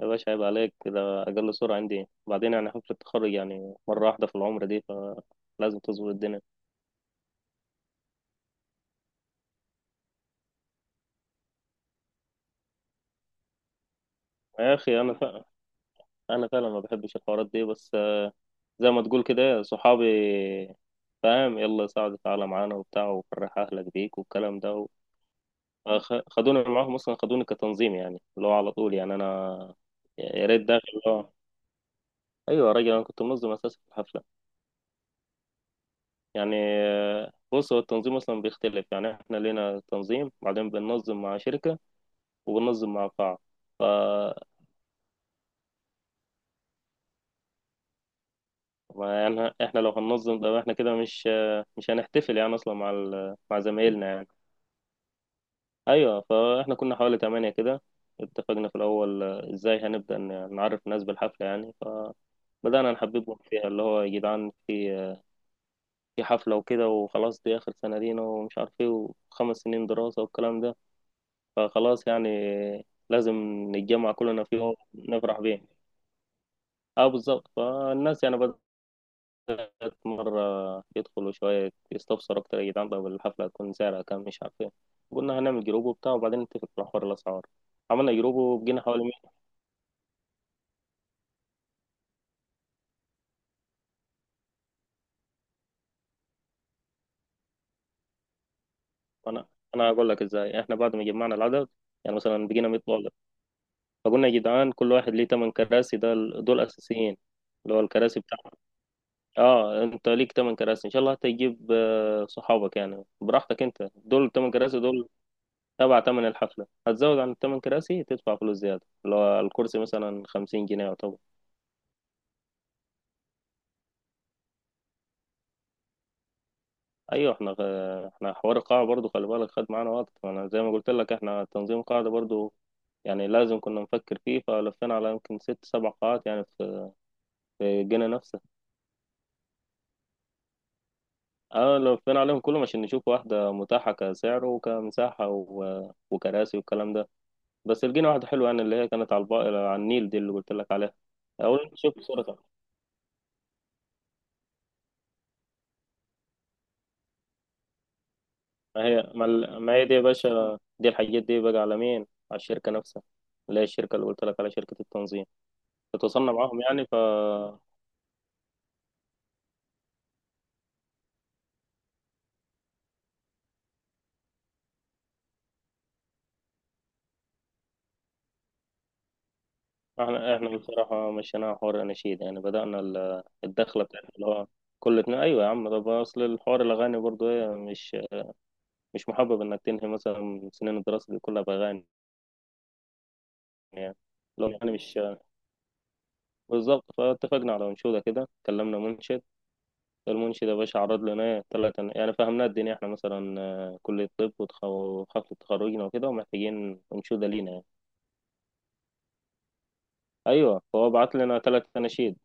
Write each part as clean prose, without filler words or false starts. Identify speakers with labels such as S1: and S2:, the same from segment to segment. S1: يا باشا، عيب عليك. ده أقل سرعة عندي. وبعدين يعني حفلة التخرج يعني مرة واحدة في العمر دي، فلازم تظبط الدنيا. يا أخي، أنا فعلا ما بحبش الحوارات دي، بس زي ما تقول كده صحابي فاهم. يلا سعد تعالى معانا وبتاع، وفرح أهلك بيك والكلام ده. خدوني معاهم، أصلا خدوني كتنظيم يعني، اللي هو على طول، يعني أنا يا ريت داخل اللي هو. أيوة يا راجل، أنا كنت منظم أساسا في الحفلة يعني. بص، هو التنظيم أصلا بيختلف. يعني إحنا لينا تنظيم، بعدين بننظم مع شركة وبننظم مع بعض. ف ما يعني احنا لو هننظم ده، احنا كده مش هنحتفل يعني اصلا مع مع زمايلنا يعني. ايوه، فاحنا كنا حوالي تمانية كده. اتفقنا في الاول، ازاي هنبدا نعرف الناس بالحفله يعني، فبدانا نحببهم فيها، اللي هو يا جدعان في في حفله وكده، وخلاص دي اخر سنه لينا ومش عارف ايه، وخمس سنين دراسه والكلام ده، فخلاص يعني لازم نتجمع كلنا في يوم نفرح بيه. اه بالظبط. فالناس يعني مرة يدخلوا شوية يستفسروا أكتر، يا جدعان طب الحفلة هتكون سعرها كام، مش عارف إيه. قلنا هنعمل جروب وبتاع، وبعدين نتفق على حوار الأسعار. عملنا جروب وبقينا حوالي 100. أنا أنا هقول لك إزاي. إحنا بعد ما جمعنا العدد، يعني مثلا بقينا 100 طالب، فقلنا يا جدعان كل واحد ليه 8 كراسي، ده دول أساسيين، اللي هو الكراسي بتاع، اه انت ليك 8 كراسي، ان شاء الله هتجيب صحابك يعني براحتك، انت دول 8 كراسي. دول تبع تمن الحفله. هتزود عن الثمان كراسي تدفع فلوس زياده، اللي هو الكرسي مثلا 50 جنيه يعتبر. ايوه. احنا حوار القاعه برضو، خلي بالك خد معانا وقت. انا زي ما قلت لك، احنا تنظيم قاعده برضو، يعني لازم كنا نفكر فيه. فلفينا على يمكن ست سبع قاعات، يعني في الجنة نفسها. اه، لفينا عليهم كلهم عشان نشوف واحده متاحه كسعر وكمساحه وكراسي والكلام ده. بس لقينا واحده حلوه يعني، اللي هي كانت على على النيل، دي اللي قلت لك عليها. اول شوف صورتها. ما هي دي يا باشا، دي الحاجات دي بقى على مين؟ على الشركه نفسها، اللي هي الشركه اللي قلت لك، على شركه التنظيم. اتواصلنا معاهم يعني. احنا بصراحة مشيناها حوار أناشيد يعني. بدأنا الدخلة بتاعتنا، اللي هو كل اتنين. أيوة يا عم، طب أصل الحوار الأغاني برضو إيه، مش محبب إنك تنهي مثلا سنين الدراسة دي كلها بأغاني يعني، لو يعني مش بالظبط. فاتفقنا على أنشودة كده، كلمنا منشد. المنشد يا باشا عرض لنا إيه، تلاتة. يعني فهمنا الدنيا، إحنا مثلا كلية طب وحفلة تخرجنا وكده، ومحتاجين أنشودة لينا يعني. أيوة، فهو بعت لنا تلات أناشيد.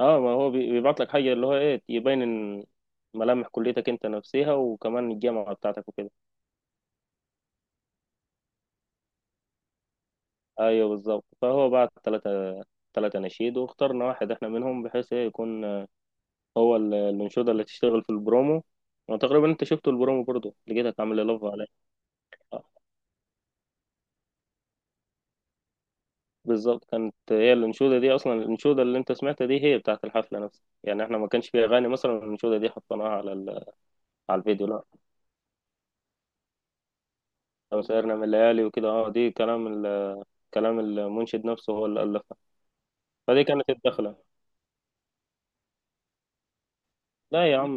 S1: اه، ما هو بيبعت لك حاجة اللي هو ايه، يبين إن ملامح كليتك انت نفسها، وكمان الجامعة بتاعتك وكده. ايوه بالظبط. فهو بعت ثلاثة نشيد، واخترنا واحد احنا منهم، بحيث ايه يكون هو الانشودة اللي تشتغل في البرومو. وتقريبا انت شفته البرومو برضه، لقيتك عامل لي لف عليه. آه، بالظبط، كانت هي الانشودة دي اصلا. الانشودة اللي انت سمعتها دي هي بتاعت الحفلة نفسها، يعني احنا ما كانش فيها اغاني مثلا. الانشودة دي حطيناها على على الفيديو. لا، لو سهرنا من الليالي وكده، اه دي كلام كلام المنشد نفسه، هو اللي ألف. فدي كانت الدخلة. لا يا عم،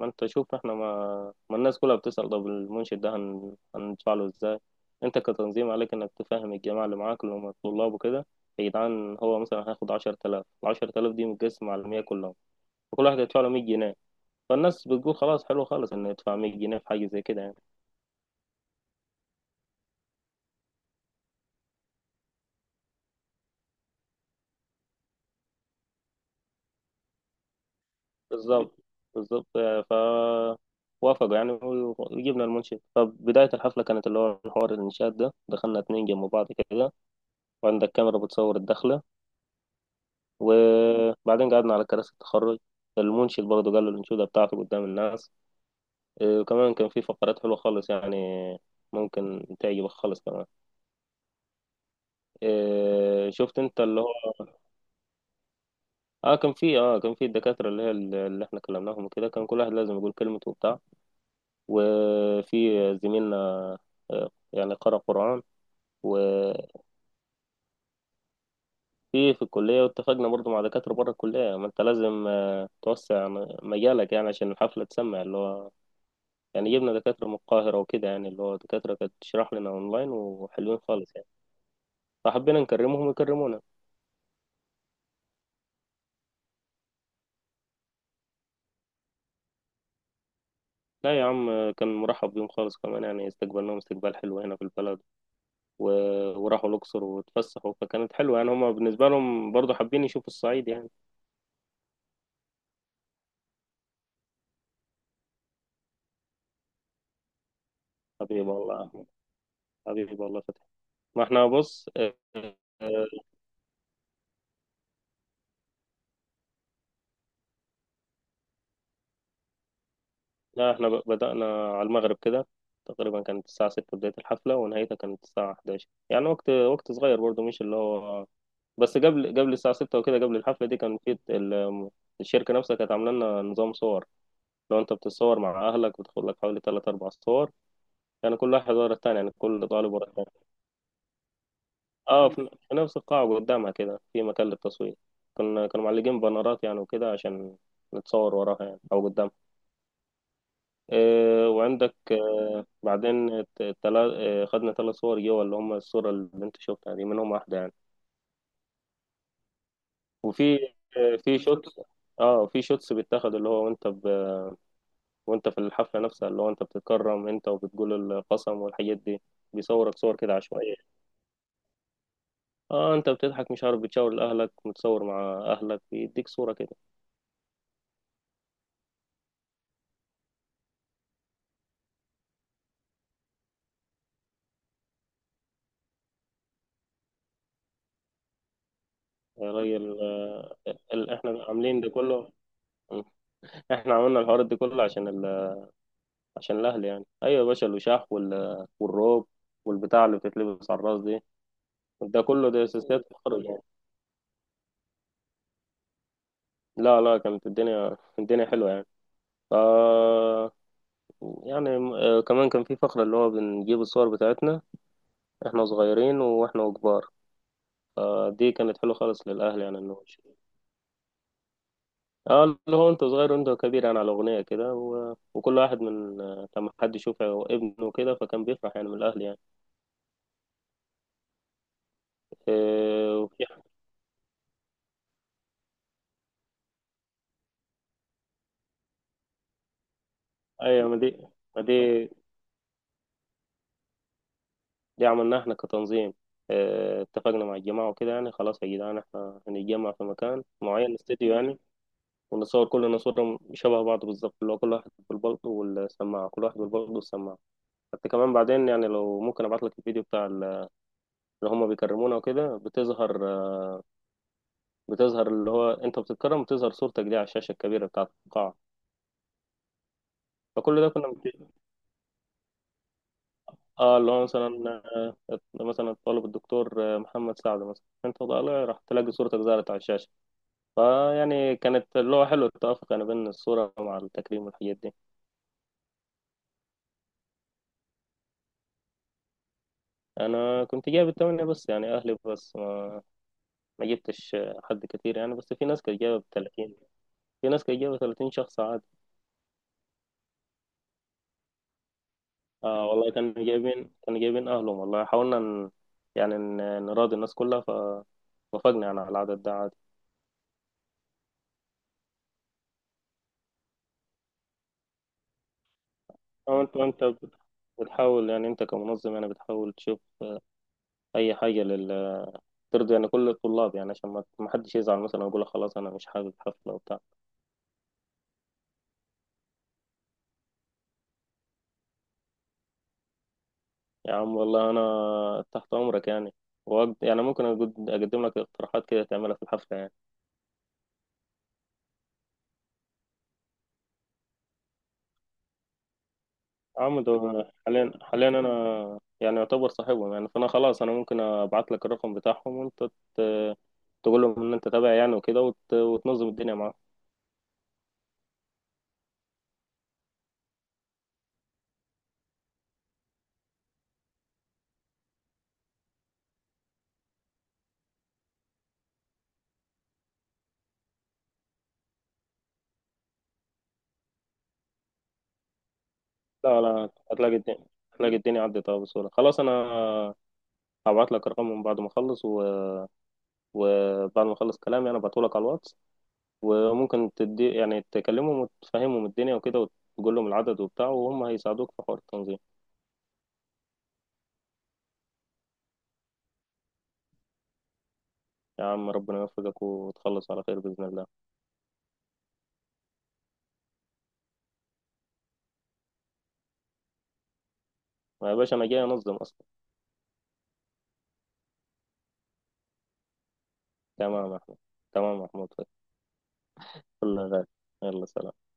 S1: ما انت شوف، احنا ما, ما الناس كلها بتسأل طب المنشد ده هندفع له ازاي. انت كتنظيم عليك انك تفهم الجماعة اللي معاك، اللي هم الطلاب وكده. يا جدعان، هو مثلا هياخد 10000 دي متقسمة على 100 كلهم، فكل واحد يدفع له 100 جنيه. فالناس بتقول خلاص حلو خالص انه يدفع 100 جنيه في حاجة زي كده يعني. بالظبط بالظبط. ف وافقوا يعني، وجبنا المنشد. فبداية الحفلة كانت اللي هو حوار الإنشاد ده، دخلنا اتنين جنب بعض كده، وعندك كاميرا بتصور الدخلة، وبعدين قعدنا على كراسي التخرج. المنشد برضه قال له الأنشودة بتاعته قدام الناس. وكمان كان في فقرات حلوة خالص يعني، ممكن تعجبك خالص كمان. شفت انت اللي هو، اه، كان في الدكاترة، اللي هي اللي احنا كلمناهم وكده، كان كل واحد لازم يقول كلمته وبتاع. وفي زميلنا يعني قرأ قرآن. وفي الكلية. واتفقنا برضه مع دكاترة بره الكلية، ما انت لازم توسع مجالك يعني عشان الحفلة تسمع اللي هو. يعني جبنا دكاترة من القاهرة وكده، يعني اللي هو دكاترة كانت تشرح لنا أونلاين وحلوين خالص يعني، فحبينا نكرمهم ويكرمونا. لا يا عم، كان مرحب بيهم خالص كمان يعني، استقبلناهم استقبال حلو هنا في البلد، و... وراحوا الأقصر واتفسحوا. فكانت حلوة يعني، هما بالنسبة لهم برضه حابين يشوفوا الصعيد يعني. حبيب الله أحمد. حبيب الله فتحي. ما احنا بص، اه، لا، احنا بدأنا على المغرب كده. تقريبا كانت الساعة 6 بداية الحفلة، ونهايتها كانت الساعة 11 يعني. وقت صغير برضه، مش اللي هو. بس قبل الساعة 6 وكده، قبل الحفلة دي، كان في الشركة نفسها كانت عاملة لنا نظام صور. لو أنت بتتصور مع أهلك بتاخد لك حوالي تلات أربع صور، يعني كل واحد ورا التاني، يعني كل طالب ورا التاني. أه، في نفس القاعة قدامها كده، في مكان للتصوير. كانوا معلقين بانرات يعني وكده، عشان نتصور وراها يعني أو قدامها. وعندك إيه بعدين، الت- التلا إيه خدنا ثلاث صور جوا، اللي هم الصورة اللي أنت شفتها دي منهم واحدة يعني. وفي إيه في شوت اه في شوتس بيتاخد، اللي هو وانت في الحفلة نفسها، اللي هو انت بتتكرم انت وبتقول القسم والحاجات دي، بيصورك صور كده عشوائية. اه انت بتضحك مش عارف، بتشاور لأهلك، متصور مع أهلك، بيديك صورة كده. يا راجل، احنا عاملين ده كله. احنا عملنا الحوار ده كله عشان عشان الأهل يعني. ايوه يا باشا، الوشاح والروب والبتاع اللي بتتلبس على الراس دي. ده كله ده اساسيات الخرج يعني. لا لا، كانت الدنيا حلوة يعني. ف يعني كمان كان في فقرة اللي هو بنجيب الصور بتاعتنا، احنا صغيرين واحنا كبار. فدي كانت حلوة خالص للأهل، يعني انه اه اللي هو انت صغير وانت كبير، يعني على أغنية كده وكل واحد من، لما حد يشوف ابنه كده فكان بيفرح يعني من الأهل يعني. اه وفي، أيوة. ما دي دي عملناها احنا كتنظيم. اه اتفقنا مع الجماعة وكده يعني، خلاص يا جدعان احنا هنتجمع في مكان معين، استديو يعني. ونصور كلنا صورة شبه بعض بالظبط، اللي هو كل واحد بالبلطو والسماعة، كل واحد بالبلطو والسماعة. حتى كمان بعدين يعني، لو ممكن أبعت لك الفيديو بتاع اللي هم بيكرمونا وكده، بتظهر اللي هو انت بتتكرم، بتظهر صورتك دي على الشاشه الكبيره بتاعه القاعه. فكل ده كنا بت... اه اللي هو مثلا الطالب الدكتور محمد سعد مثلا، انت طالع راح تلاقي صورتك ظهرت على الشاشه، فيعني كانت اللي هو حلو التوافق يعني بين الصوره مع التكريم والحاجات دي. انا كنت جايب التمانية بس، يعني اهلي بس. ما جبتش حد كتير يعني، بس في ناس كانت جايبه 30 شخص عادي. اه والله، كانوا جايبين اهلهم. والله حاولنا نراضي الناس كلها، فوافقنا يعني على العدد ده عادي. أو بتحاول يعني، انت كمنظم يعني بتحاول تشوف اي حاجه ترضي يعني كل الطلاب يعني، عشان ما حدش يزعل، مثلا يقول لك خلاص انا مش حابب حفله وبتاع. يا عم والله، انا تحت امرك يعني، وأقد... يعني ممكن أقد... اقدم لك اقتراحات كده تعملها في الحفله يعني. عم ده، حاليا انا يعني يعتبر صاحبهم يعني، فانا خلاص انا ممكن ابعت لك الرقم بتاعهم، وانت ت- تقول لهم ان انت تابع يعني وكده، وتنظم الدنيا معاهم. لا لا، هتلاقي الدنيا عدت بسهولة. خلاص انا هبعت لك رقمهم بعد ما اخلص، وبعد ما اخلص كلامي انا بعته لك على الواتس، وممكن تدي يعني تكلمهم وتفهمهم الدنيا وكده، وتقول لهم العدد وبتاع، وهم هيساعدوك في حوار التنظيم. يا عم ربنا يوفقك وتخلص على خير بإذن الله. ما يا باشا، انا جاي انظم اصلا. تمام يا أحمد. تمام يا محمود، في كل غالي. يلا سلام.